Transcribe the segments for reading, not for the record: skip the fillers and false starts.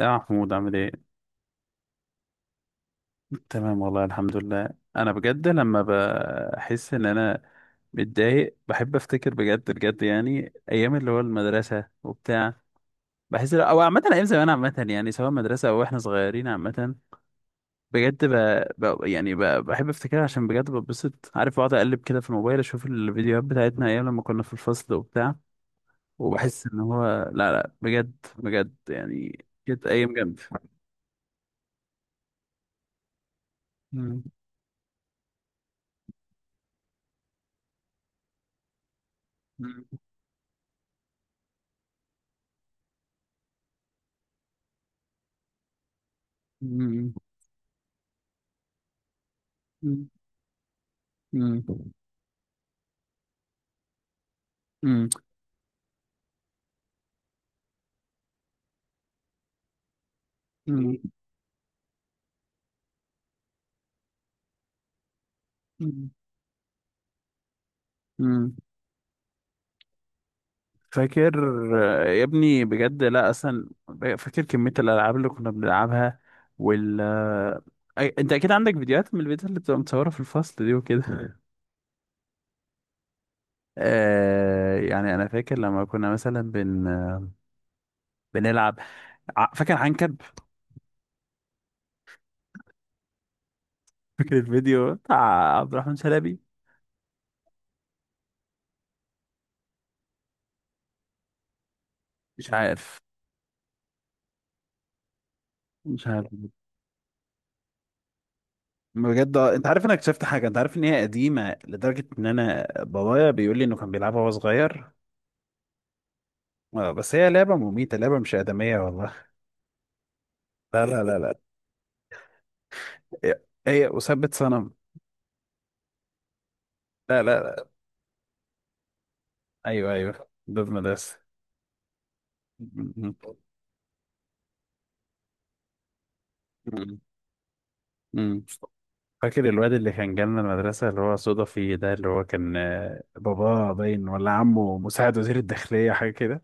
يا محمود عامل ايه؟ تمام والله الحمد لله. انا بجد لما بحس ان انا متضايق بحب افتكر بجد بجد يعني ايام اللي هو المدرسة وبتاع. بحس او عامة ايام زمان عامة يعني سواء مدرسة او احنا صغيرين عامة. بجد يعني بحب افتكرها عشان بجد ببسط عارف، بقعد اقلب كده في الموبايل اشوف الفيديوهات بتاعتنا ايام لما كنا في الفصل وبتاع. وبحس ان هو، لا لا بجد، بجد يعني كانت ايام جامدة. مم. مم. مم. مم. مم. مم. مم. مم. فاكر. آه، يا ابني بجد لا اصلا. فاكر كمية الالعاب اللي كنا بنلعبها وال آه، انت اكيد عندك فيديوهات من الفيديوهات اللي بتبقى متصورة في الفصل دي وكده. يعني انا فاكر لما كنا مثلا بنلعب. فاكر عنكب. فاكر الفيديو بتاع عبد الرحمن شلبي. مش عارف. مش عارف. بجد، انت عارف، انا اكتشفت حاجه. انت عارف ان هي قديمه لدرجه ان انا بابايا بيقول لي انه كان بيلعبها وهو صغير. اه بس هي لعبة مميتة، لعبة مش آدمية والله. لا لا لا لا. هي هي أثبت صنم. لا لا لا. أيوه أيوه ضد مدرسة. م- م- م. فاكر الواد اللي كان جالنا المدرسة اللي هو صدى فيه ده، اللي هو كان باباه باين ولا عمه مساعد وزير الداخلية حاجة كده.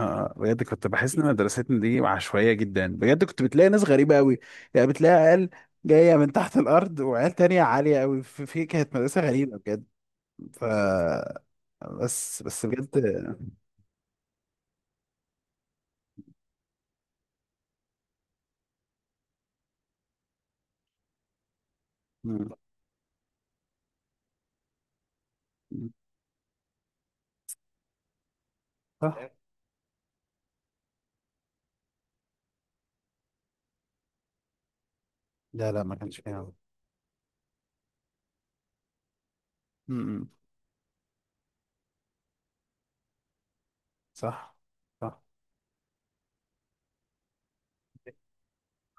اه بجد كنت بحس ان مدرستنا دي عشوائية جدا، بجد كنت بتلاقي ناس غريبة قوي. يعني بتلاقي عيال جاية من تحت الأرض، وعيال تانية عالية قوي في في كانت مدرسة غريبة بجد. ف بس بس بجد. مم. صح. لا لا ما كانش فيها عمل. مم. صح. صح.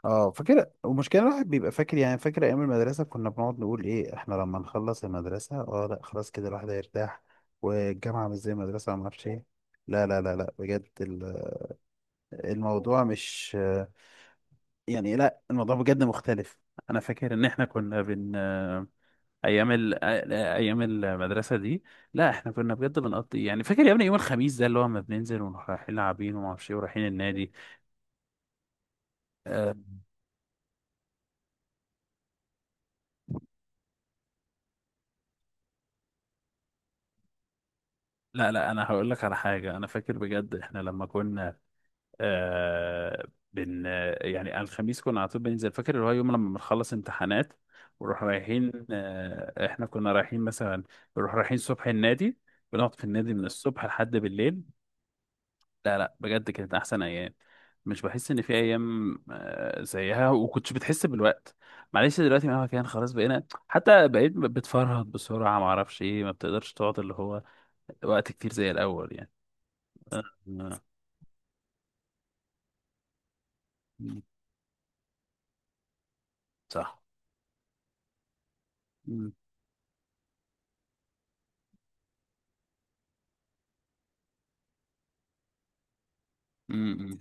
اه فاكر المشكله، الواحد بيبقى فاكر، يعني فاكر ايام المدرسه كنا بنقعد نقول ايه احنا لما نخلص المدرسه، اه لا خلاص كده الواحد هيرتاح، والجامعه مش زي المدرسه وما اعرفش ايه. لا لا لا لا بجد الموضوع مش، يعني لا الموضوع بجد مختلف. انا فاكر ان احنا كنا ايام ايام المدرسه دي، لا احنا كنا بجد بنقضي، يعني فاكر يا ابني يوم الخميس ده اللي هو، ما بننزل ونروح رايحين لاعبين وما اعرفش ايه ورايحين النادي. آه، لا لا، انا هقول لك على حاجه. انا فاكر بجد احنا لما كنا، آه بن يعني على الخميس كنا على طول بننزل، فاكر اللي هو يوم لما بنخلص امتحانات ونروح رايحين، احنا كنا رايحين مثلا، نروح رايحين الصبح النادي، بنقعد في النادي من الصبح لحد بالليل. لا لا بجد كانت احسن ايام. مش بحس ان في ايام زيها، وكنتش بتحس بالوقت. معلش دلوقتي مهما كان خلاص بقينا، حتى بقيت بتفرهد بسرعه، ما اعرفش ايه، ما بتقدرش تقعد اللي هو وقت كتير زي الاول يعني. آه، آه، مم، صح. مم، مم، مم.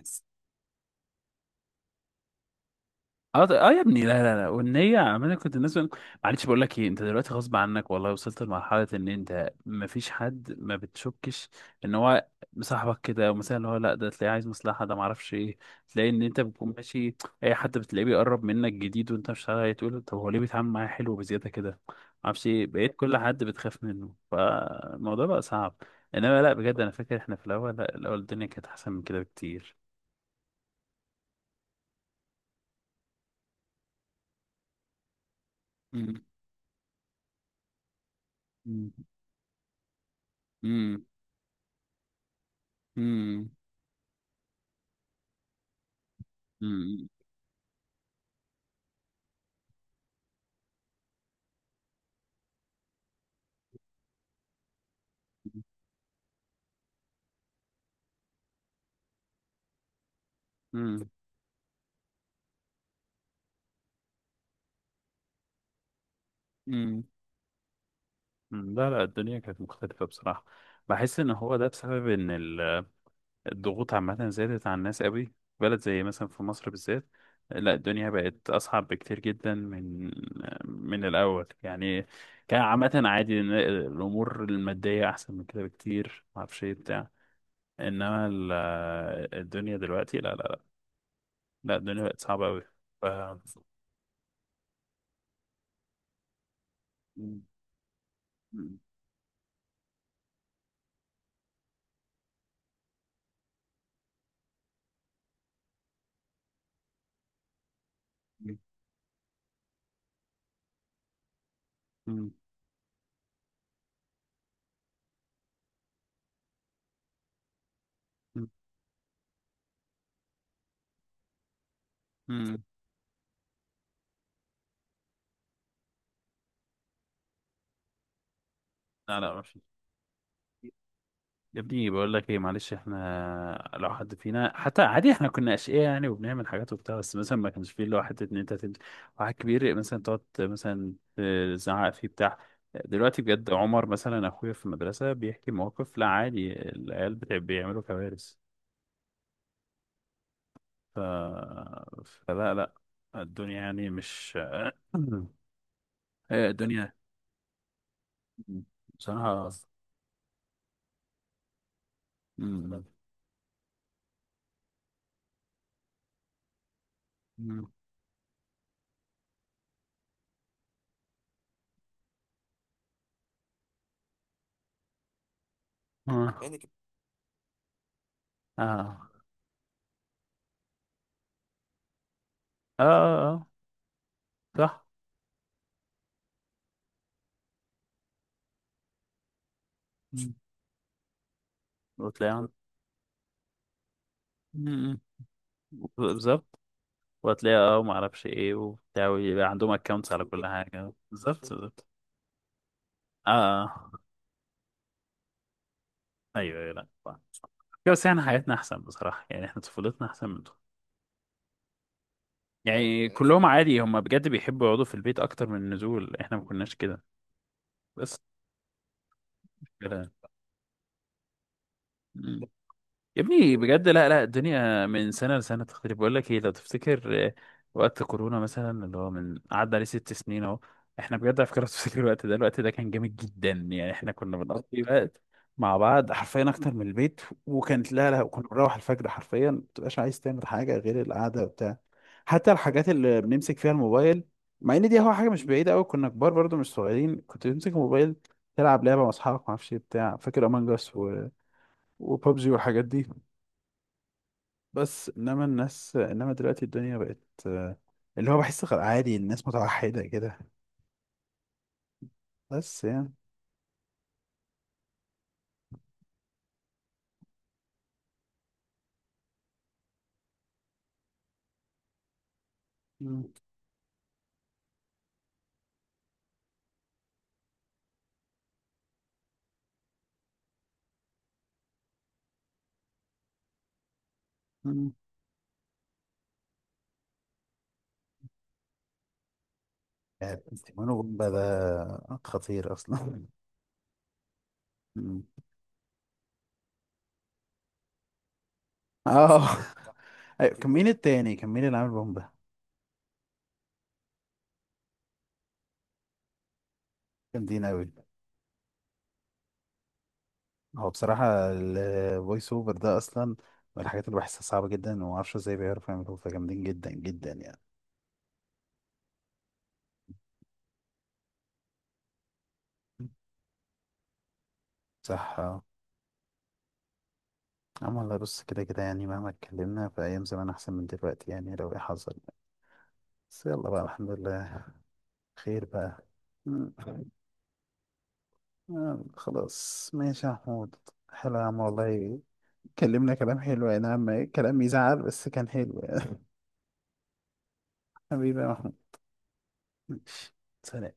اه اه يا ابني لا لا لا، والنية عمالة كنت الناس معلش بقول لك ايه، انت دلوقتي غصب عنك والله وصلت لمرحلة ان انت مفيش حد ما بتشكش ان هو مصاحبك كده، ومثلا اللي هو لا، ده تلاقيه عايز مصلحة، ده معرفش ايه، تلاقي ان انت بتكون ماشي اي حد بتلاقيه بيقرب منك جديد وانت مش عارف إيه، تقول طب هو ليه بيتعامل معايا حلو بزيادة كده، معرفش ايه، بقيت كل حد بتخاف منه، فالموضوع بقى صعب. انما لا بجد، انا فاكر احنا في الاول، لا الاول الدنيا كانت احسن من كده بكتير. امم. امم. امم. امم. امم. لا لا الدنيا كانت مختلفة بصراحة. بحس ان هو ده بسبب ان الضغوط عامة زادت على الناس قوي، في بلد زي مثلا في مصر بالذات. لا الدنيا بقت اصعب بكتير جدا من، من الاول يعني. كان عامة عادي إن الامور المادية احسن من كده بكتير، ما اعرفش ايه بتاع. انما الدنيا دلوقتي لا لا لا. لا الدنيا بقت صعبة قوي. ف... مم. مم. مم. مم. لا لا ماشي. يا ابني بقول لك ايه، معلش، احنا لو حد فينا حتى عادي، احنا كنا اشقياء يعني وبنعمل حاجات وبتاع، بس مثلا ما كانش فيه اللي هو حته ان انت واحد كبير مثلا تقعد مثلا تزعق فيه بتاع. دلوقتي بجد، عمر مثلا اخويا في المدرسه بيحكي مواقف، لا عادي العيال بتاع بيعملوا كوارث. ف... فلا لا، الدنيا يعني مش. إيه الدنيا بصراحه. مم. مم. اه يعني. اه. اه. صح. مم. وتلاقي م- م. بالظبط. وهتلاقيها اه ما اعرفش ايه وبتاع، ويبقى عندهم اكونتس على كل حاجه، بالظبط بالظبط. اه آه. ايوه ايوه، لا فاهم. بس يعني حياتنا احسن بصراحه، يعني احنا طفولتنا احسن من دول. يعني كلهم عادي، هم بجد بيحبوا يقعدوا في البيت اكتر من النزول، احنا ما كناش كده. بس كده. يا ابني بجد لا لا، الدنيا من سنة لسنة تختلف. بقول لك ايه، لو تفتكر وقت كورونا مثلا اللي هو من قعد عليه 6 سنين اهو، احنا بجد على فكرة لو تفتكر الوقت ده، الوقت ده كان جامد جدا يعني، احنا كنا بنقضي وقت مع بعض حرفيا اكتر من البيت، وكانت لا لا، كنا بنروح الفجر حرفيا، ما بتبقاش عايز تعمل حاجة غير القعدة وبتاع. حتى الحاجات اللي بنمسك فيها الموبايل، مع ان دي هو حاجة مش بعيدة قوي، كنا كبار برضو مش صغيرين، كنت بتمسك الموبايل تلعب لعبة مع اصحابك، ما اعرفش إيه بتاع، فاكر امانجاس و وببجي والحاجات دي. بس انما الناس، انما دلوقتي الدنيا بقت آه، اللي هو بحس عادي الناس متوحدة كده. بس يعني. مم. مم. يعني تيمون وبومبا ده خطير اصلا. مم. اه. أيوة، كان مين التاني؟ كان مين اللي عامل بومبا؟ جامدين اوي. هو بصراحة الفويس اوفر ده اصلا من الحاجات اللي بحسها صعبة جدا، وما اعرفش ازاي بيعرفوا يعملوه، فجامدين جدا جدا يعني. صح. اه. عم والله، بص كده كده يعني، مهما اتكلمنا، في ايام زمان احسن من دلوقتي يعني لو ايه حصل. بس يلا بقى الحمد لله. خير بقى. مم. آه، خلاص ماشي يا محمود. حلو يا عم والله. كلمنا كلام حلو يعني، عم كلام يزعل بس كان حلو يعني. حبيبي يا محمود. ماشي. سلام.